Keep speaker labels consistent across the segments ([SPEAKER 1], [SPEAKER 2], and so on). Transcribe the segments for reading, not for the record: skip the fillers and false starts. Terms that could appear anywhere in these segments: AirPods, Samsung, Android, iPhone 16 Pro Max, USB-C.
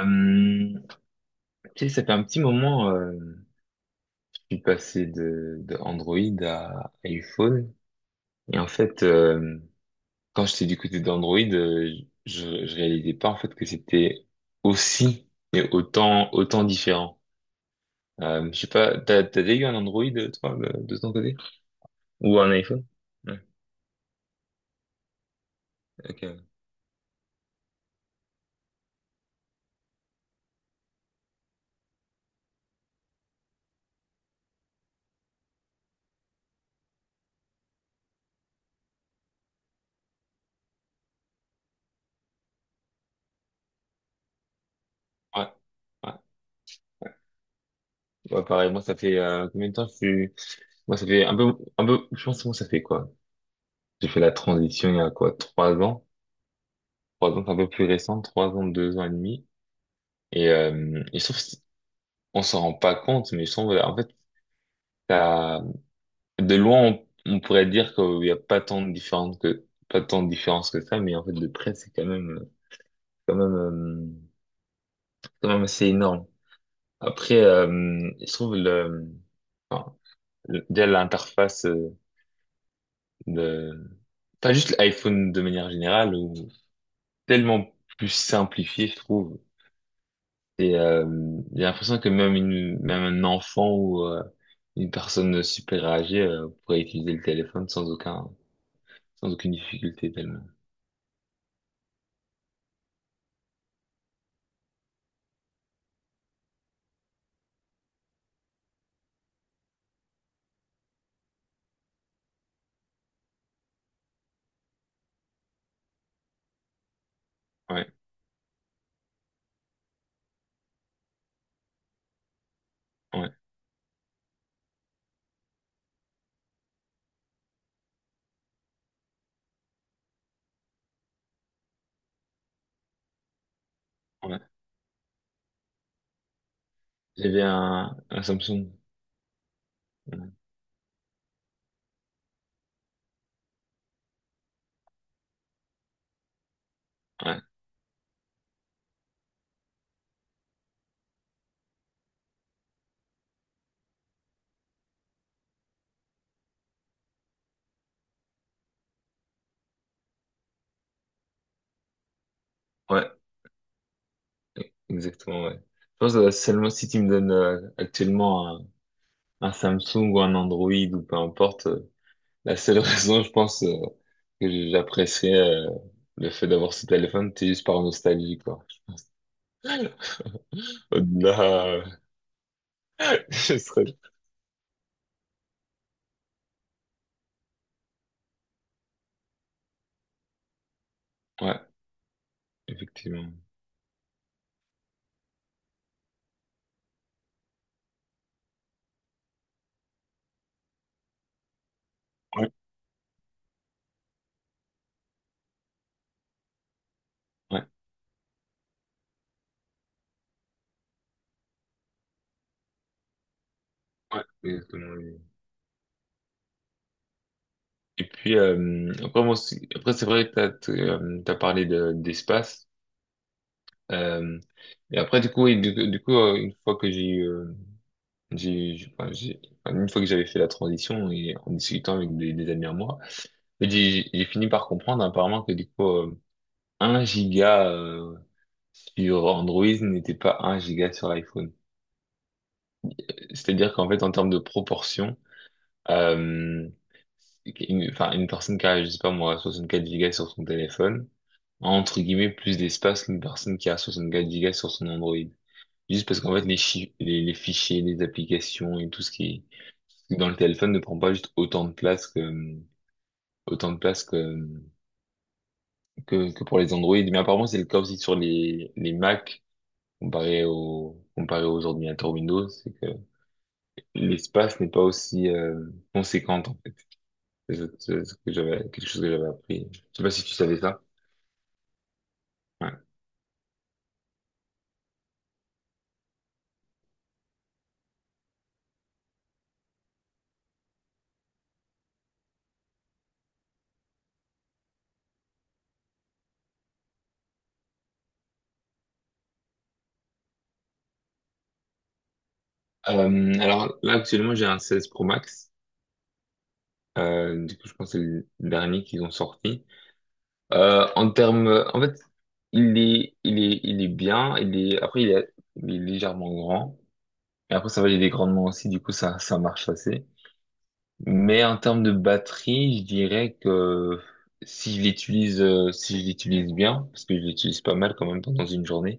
[SPEAKER 1] Euh, ok, ça fait un petit moment, je suis passé de Android à iPhone. Et en fait, quand j'étais du côté d'Android, je réalisais pas en fait que c'était aussi et autant différent. Je sais pas, t'as déjà eu un Android toi de ton côté? Ou un iPhone? Ouais, ok. Ouais, ouais. Ouais, pareil. Moi, ça fait combien de temps que je suis. Moi, ça fait un peu, un peu. Je pense que moi, ça fait quoi? J'ai fait la transition il y a quoi? Trois ans? Trois ans, c'est un peu plus récent, trois ans, deux ans et demi. Et je trouve que on s'en rend pas compte, mais je trouve, en fait, ça, de loin, on pourrait dire qu'il n'y a pas tant de différence que, pas tant de différence que ça, mais en fait, de près, c'est quand même, quand même, euh, quand même assez énorme. Après, je trouve enfin, déjà l'interface, de, pas juste l'iPhone de manière générale, ou tellement plus simplifié, je trouve. Et j'ai l'impression que même un enfant ou une personne super âgée, pourrait utiliser le téléphone sans aucune difficulté tellement. Ouais, ouais, ouais. J'avais un Samsung. Ouais, ouais, ouais, exactement, ouais. Je pense seulement si tu me donnes actuellement un Samsung ou un Android ou peu importe, la seule raison, je pense, que j'apprécierais euh, le fait d'avoir ce téléphone, c'est juste par nostalgie, quoi. Au-delà, je serais... Ouais. Effectivement. Ouais. Ouais, ouais, exactement. Lui. Et puis, après, moi aussi, après, c'est vrai que t'as parlé d'espace. Euh, et après, du coup, oui, du coup, une fois que j'ai eu, j'ai- enfin, enfin, une fois que j'avais fait la transition et en discutant avec des amis à moi, j'ai fini par comprendre apparemment que du coup, 1 giga, sur Android n'était pas un giga sur l'iPhone. C'est-à-dire qu'en fait, en termes de proportion, Euh, enfin, une personne qui a, je sais pas moi, 64 gigas sur son téléphone, a, entre guillemets, plus d'espace qu'une personne qui a 64 gigas sur son Android. Juste parce qu'en fait, les fichiers, les applications et tout ce qui, est dans le téléphone ne prend pas juste autant de place que, autant de place que, que pour les Android. Mais apparemment, c'est le cas aussi sur les Mac, comparé aux ordinateurs Windows, c'est que l'espace n'est pas aussi, conséquent. Les autres, quelque chose que j'avais appris. Je sais pas si tu savais ça. Ouais. Alors là, actuellement, j'ai un 16 Pro Max. Du coup, je pense que c'est le dernier qu'ils ont sorti. En fait, il est bien. Après, il est légèrement grand. Et après, ça va, il est grandement aussi. Du coup, ça marche assez. Mais en termes de batterie, je dirais que si je l'utilise bien, parce que je l'utilise pas mal quand même pendant une journée,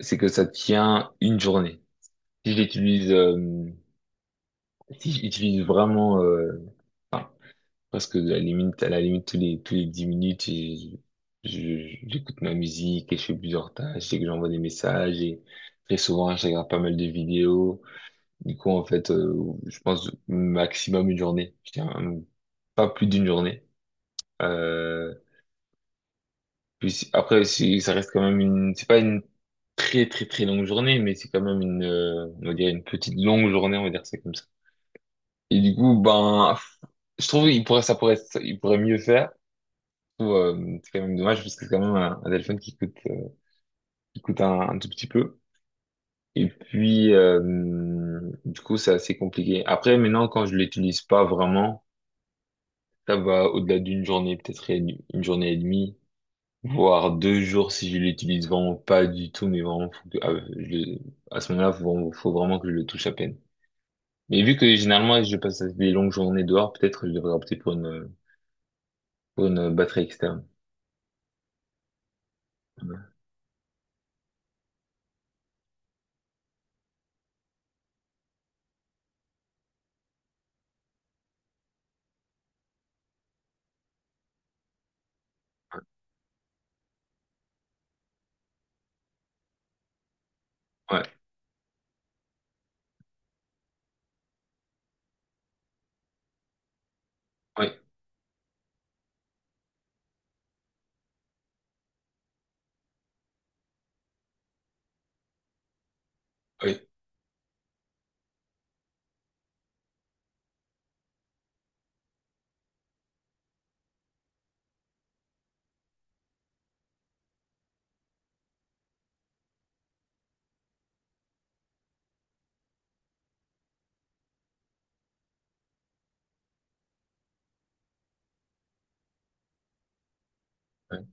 [SPEAKER 1] c'est que ça tient une journée. Si j'utilise euh, Si j'utilise vraiment, presque à la limite tous les 10 minutes et j'écoute ma musique et je fais plusieurs tâches et que j'envoie des messages et très souvent je regarde pas mal de vidéos. Du coup en fait, je pense maximum une journée. Je dirais, pas plus d'une journée. Euh, Puis après si ça reste quand même une c'est pas une très très très longue journée mais c'est quand même une on va dire une petite longue journée, on va dire c'est comme ça. Et du coup, ben, je trouve, il pourrait, ça- il pourrait mieux faire. Je trouve, c'est quand même dommage parce que c'est quand même un téléphone qui coûte un tout petit peu. Et puis, du coup, c'est assez compliqué. Après, maintenant, quand je l'utilise pas vraiment, ça va au-delà d'une journée, peut-être une journée et demie, voire deux jours si je l'utilise vraiment pas du tout, mais vraiment, faut que- ah, je à ce moment-là, faut vraiment que je le touche à peine. Mais vu que généralement, je passe des longues journées dehors, peut-être je devrais opter pour une batterie externe. Ouais, ouais, ouais, ouais.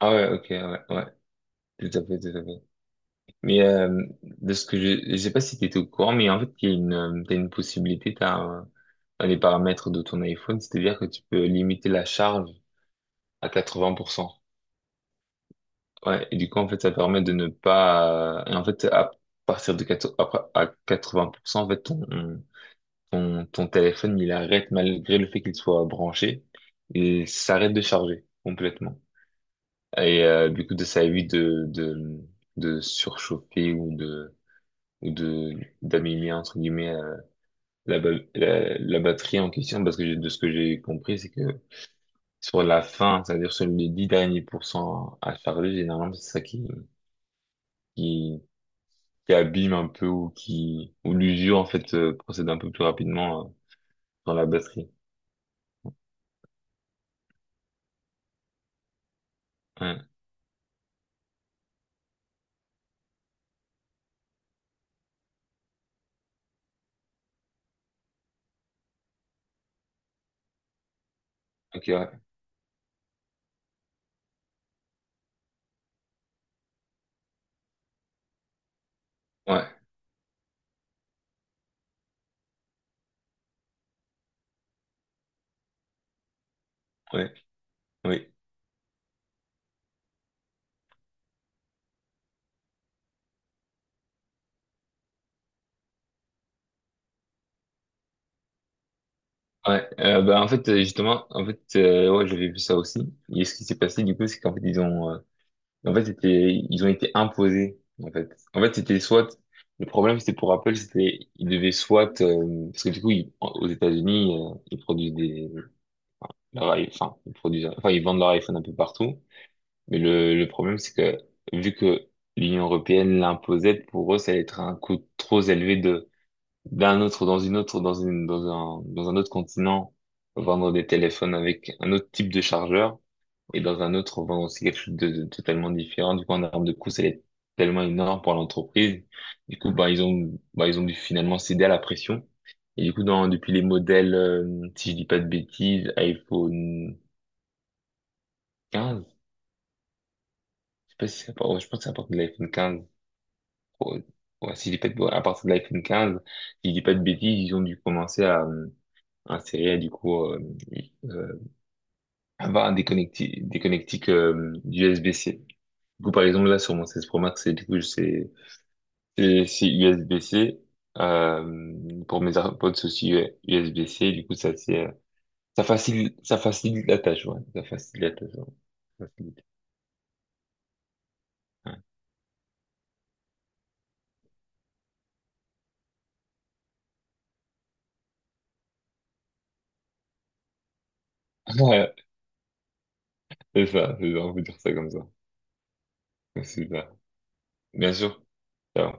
[SPEAKER 1] Ah ouais, ok, ouais, ouais, tout à fait, tout à fait. Mais de ce que je sais pas si tu étais au courant, mais en fait, il y a une, t'as une possibilité, dans les paramètres de ton iPhone, c'est-à-dire que tu peux limiter la charge à 80%. Ouais, et du coup, en fait, ça permet de ne pas, et en fait, à partir de 4 après, à 80%, en fait, ton téléphone, il arrête malgré le fait qu'il soit branché, il s'arrête de charger complètement. Et du coup, ça évite de surchauffer ou ou de, d'abîmer, entre guillemets, la, ba- la batterie en question, parce que de ce que j'ai compris, c'est que sur la fin, c'est-à-dire sur les 10 derniers pourcents à charger, généralement, c'est ça qui, qui abîme un peu ou qui, ou l'usure, en fait, procède un peu plus rapidement, dans la batterie. Ouais. Ok, ouais. Ouais, ouais, oui. Ouais, bah en fait, justement en fait, ouais j'avais vu ça aussi et ce qui s'est passé du coup c'est qu'en fait ils ont, et en fait, c'était, ils ont été imposés, en fait. En fait, c'était soit, le problème, c'était pour Apple, c'était, ils devaient soit, parce que du coup, aux États-Unis, ils produisent enfin, ils produisent, enfin, ils vendent leur iPhone un peu partout. Mais le problème, c'est que, vu que l'Union européenne l'imposait, pour eux, ça allait être un coût trop élevé dans un autre continent, vendre des téléphones avec un autre type de chargeur et dans un autre, on vend aussi quelque chose de totalement différent. Du coup, en termes de coût, ça allait être tellement énorme pour l'entreprise. Du coup, bah, ils ont dû finalement céder à la pression. Et du coup, depuis les modèles, si je dis pas de bêtises, iPhone 15, je sais pas si c'est à part- ouais, je pense que c'est à partir de l'iPhone 15. Ouais, ouais, si je dis pas de, ouais, à partir de l'iPhone 15, si je dis pas de bêtises, ils ont dû commencer insérer, du coup, euh, avoir des connectiques, USB-C. Du coup, par exemple, là, sur mon 16 Pro Max, c'est, du coup, c'est Et c'est USB-C. Pour mes AirPods c'est aussi, ouais, USB-C. Du coup, ça c'est, ça facilite la tâche, ouais. Ça facilite la tâche. Ouais. Ça facilite. Ouais. Ouais, c'est ça, c'est ça, on peut dire ça comme ça. C'est ça. Bien sûr. Ciao.